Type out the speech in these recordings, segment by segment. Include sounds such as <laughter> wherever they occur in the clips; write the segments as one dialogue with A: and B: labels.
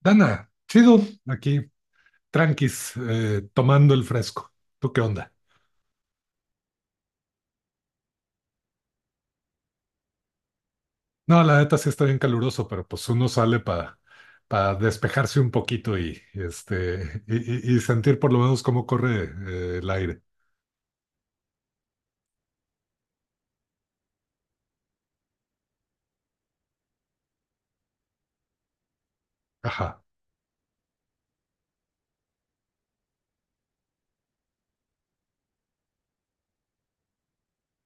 A: Dana, chido, aquí, tranquis, tomando el fresco. ¿Tú qué onda? No, la neta sí está bien caluroso, pero pues uno sale para despejarse un poquito y sentir por lo menos cómo corre el aire. Ajá.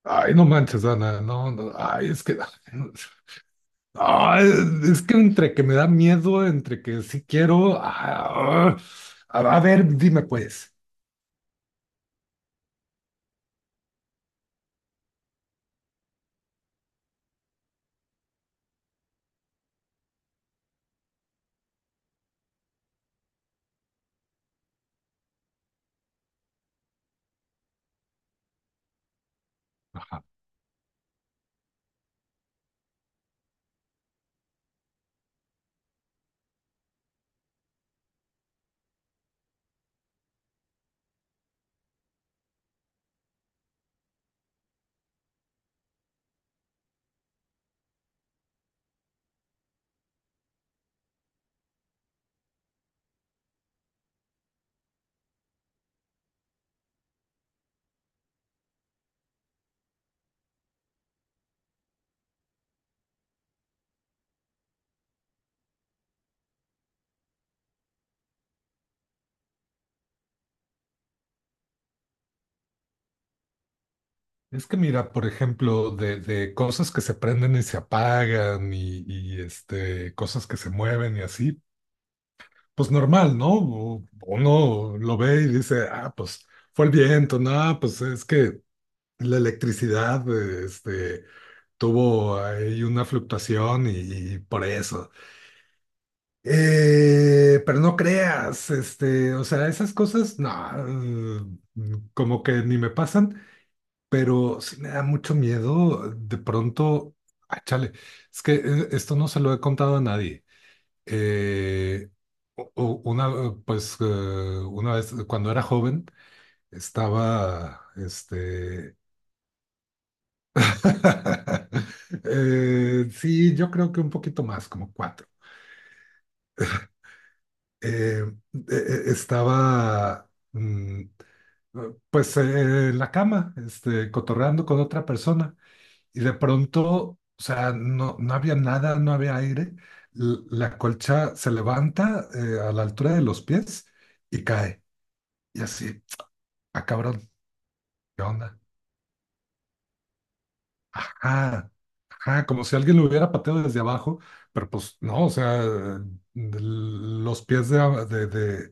A: Ay, no manches, Dana, no, no, ay, ay, es que entre que me da miedo, entre que sí quiero, a ver, dime pues. Es que mira, por ejemplo, de cosas que se prenden y se apagan y cosas que se mueven y así, pues normal, ¿no? Uno lo ve y dice, ah, pues fue el viento, no, pues es que la electricidad, tuvo ahí una fluctuación y por eso. Pero no creas, este, o sea, esas cosas, no, como que ni me pasan. Pero sí me da mucho miedo de pronto, ah, chale, es que esto no se lo he contado a nadie. Eh, una, una vez, cuando era joven estaba, este… <laughs> sí, yo creo que un poquito más, como cuatro. Eh, Estaba, mm, eh, en la cama, este, cotorreando con otra persona. Y de pronto, o sea, no, no había nada, no había aire. La colcha se levanta, a la altura de los pies, y cae. Y así, ah, cabrón, ¿qué onda? Ajá, ajá, como si alguien lo hubiera pateado desde abajo, pero pues no, o sea, los pies de- de-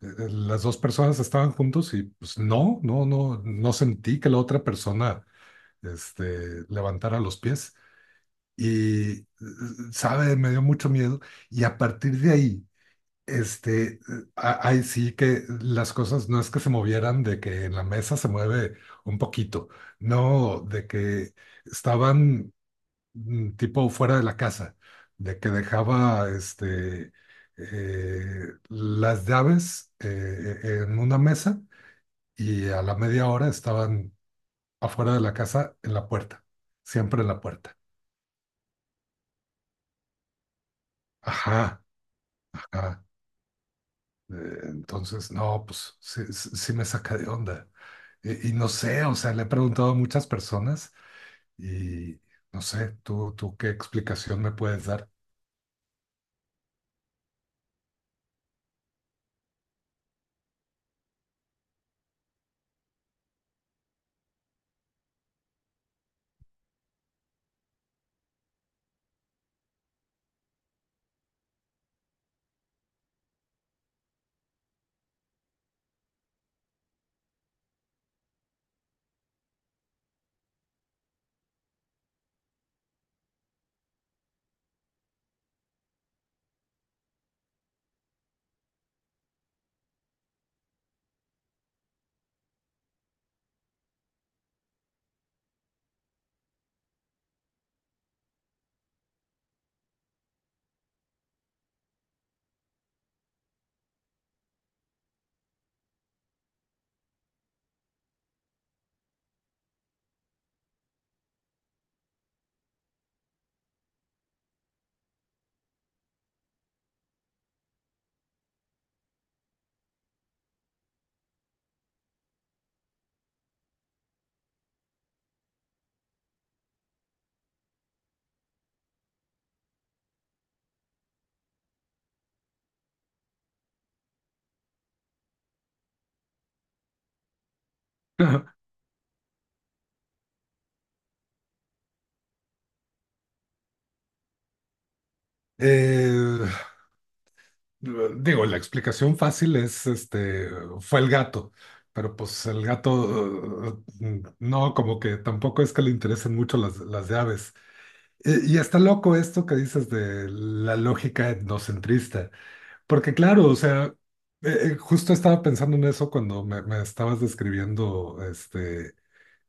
A: de las dos personas estaban juntos y pues no, no, no, no sentí que la otra persona, este, levantara los pies. y eh, sabe, me dio mucho miedo, y a partir de ahí, este, ahí sí que las cosas, no es que se movieran, de que en la mesa se mueve un poquito, no, de que estaban, tipo fuera de la casa, de que dejaba, eh, las llaves, en una mesa, y a la 1/2 hora estaban afuera de la casa en la puerta, siempre en la puerta. Ajá, ajá. Entonces, no, pues sí, sí me saca de onda. Y no sé, o sea, le he preguntado a muchas personas y no sé, tú qué explicación me puedes dar. <clears throat> <laughs> Eh, Digo, la explicación fácil es, este, fue el gato, pero pues el gato, no, como que tampoco es que le interesen mucho las de aves. Y está loco esto que dices de la lógica etnocentrista. Porque claro, o sea, justo estaba pensando en eso cuando me estabas describiendo este,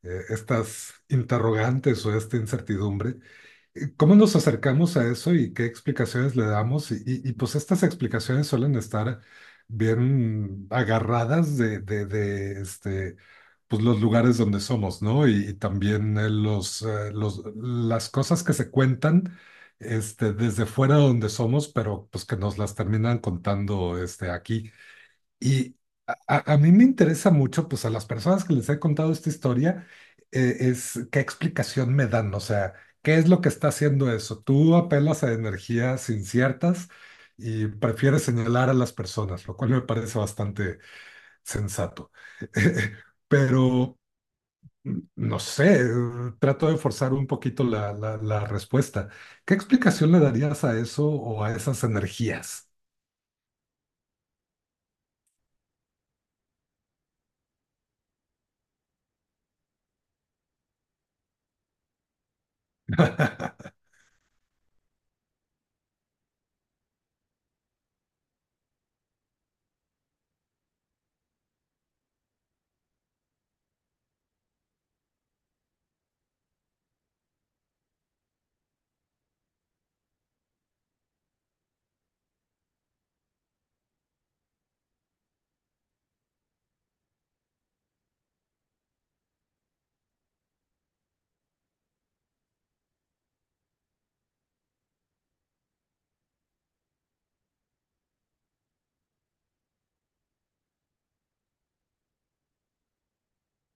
A: estas interrogantes o esta incertidumbre. ¿Cómo nos acercamos a eso y qué explicaciones le damos? Y pues estas explicaciones suelen estar bien agarradas de este, pues los lugares donde somos, ¿no? Y también las cosas que se cuentan, este, desde fuera donde somos, pero pues que nos las terminan contando, este, aquí. Y a mí me interesa mucho, pues a las personas que les he contado esta historia, es qué explicación me dan, o sea, qué es lo que está haciendo eso. Tú apelas a energías inciertas y prefieres señalar a las personas, lo cual me parece bastante sensato. <laughs> Pero, no sé, trato de forzar un poquito la respuesta. ¿Qué explicación le darías a eso o a esas energías?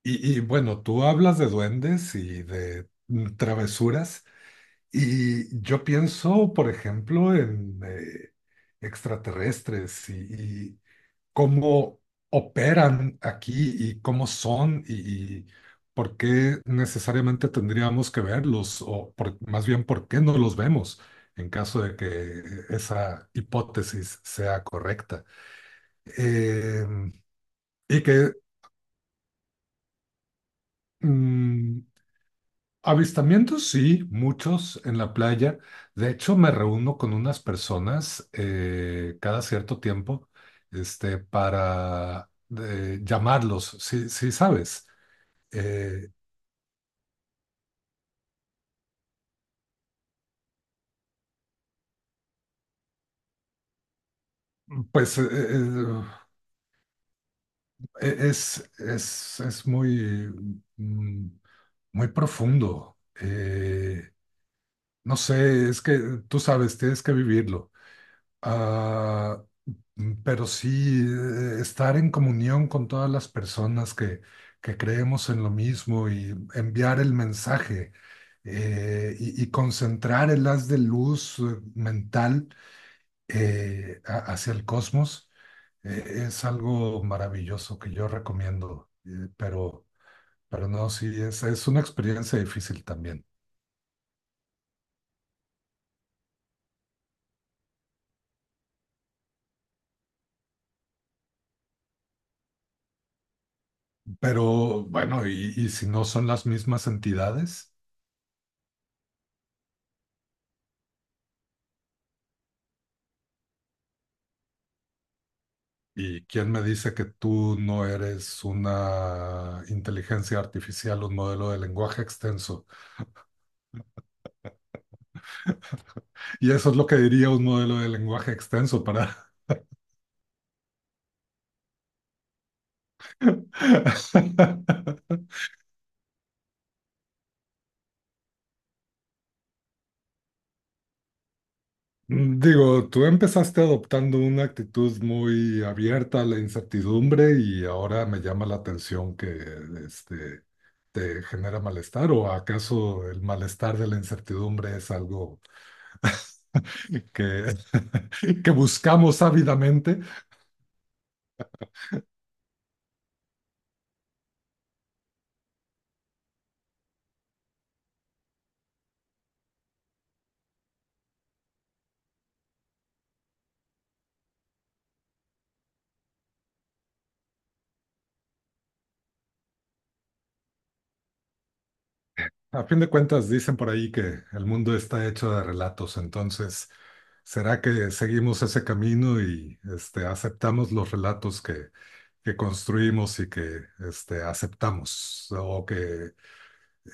A: Y bueno, tú hablas de duendes y de travesuras, y yo pienso, por ejemplo, en extraterrestres, y cómo operan aquí y cómo son, y por qué necesariamente tendríamos que verlos, más bien por qué no los vemos en caso de que esa hipótesis sea correcta. Em, y que, mm, avistamientos, sí, muchos en la playa. De hecho, me reúno con unas personas, cada cierto tiempo, este, para llamarlos, sí, sí sabes. Eh, pues eh, eh, es, es muy, mm, muy profundo. No sé, es que tú sabes, tienes que vivirlo. Ah, mm, pero sí, estar en comunión con todas las personas que creemos en lo mismo, y enviar el mensaje, y concentrar el haz de luz, mental, hacia el cosmos, es algo maravilloso que yo recomiendo. Pero no, sí, es una experiencia difícil también. Pero bueno, y si no son las mismas entidades. ¿Y quién me dice que tú no eres una inteligencia artificial, un modelo de lenguaje extenso? Y eso es lo que diría un modelo de lenguaje extenso para… <laughs> Digo, tú empezaste adoptando una actitud muy abierta a la incertidumbre, y ahora me llama la atención que este, te genera malestar, o acaso el malestar de la incertidumbre es algo <laughs> que, <laughs> que buscamos ávidamente. A fin de cuentas, dicen por ahí que el mundo está hecho de relatos, entonces, ¿será que seguimos ese camino y este, aceptamos los relatos que construimos y que este, aceptamos, o que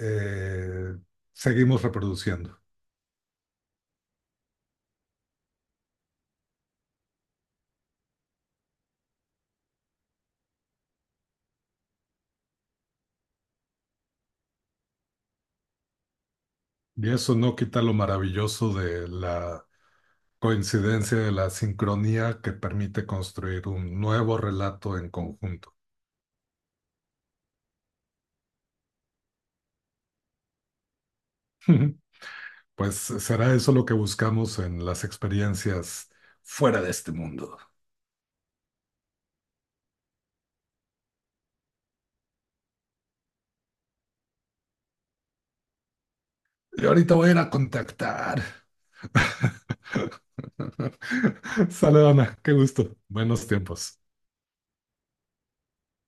A: eh, seguimos reproduciendo? Y eso no quita lo maravilloso de la coincidencia, de la sincronía que permite construir un nuevo relato en conjunto. <laughs> Pues será eso lo que buscamos en las experiencias fuera de este mundo. Y ahorita voy a ir a contactar. <laughs> Saludona, qué gusto. Buenos tiempos.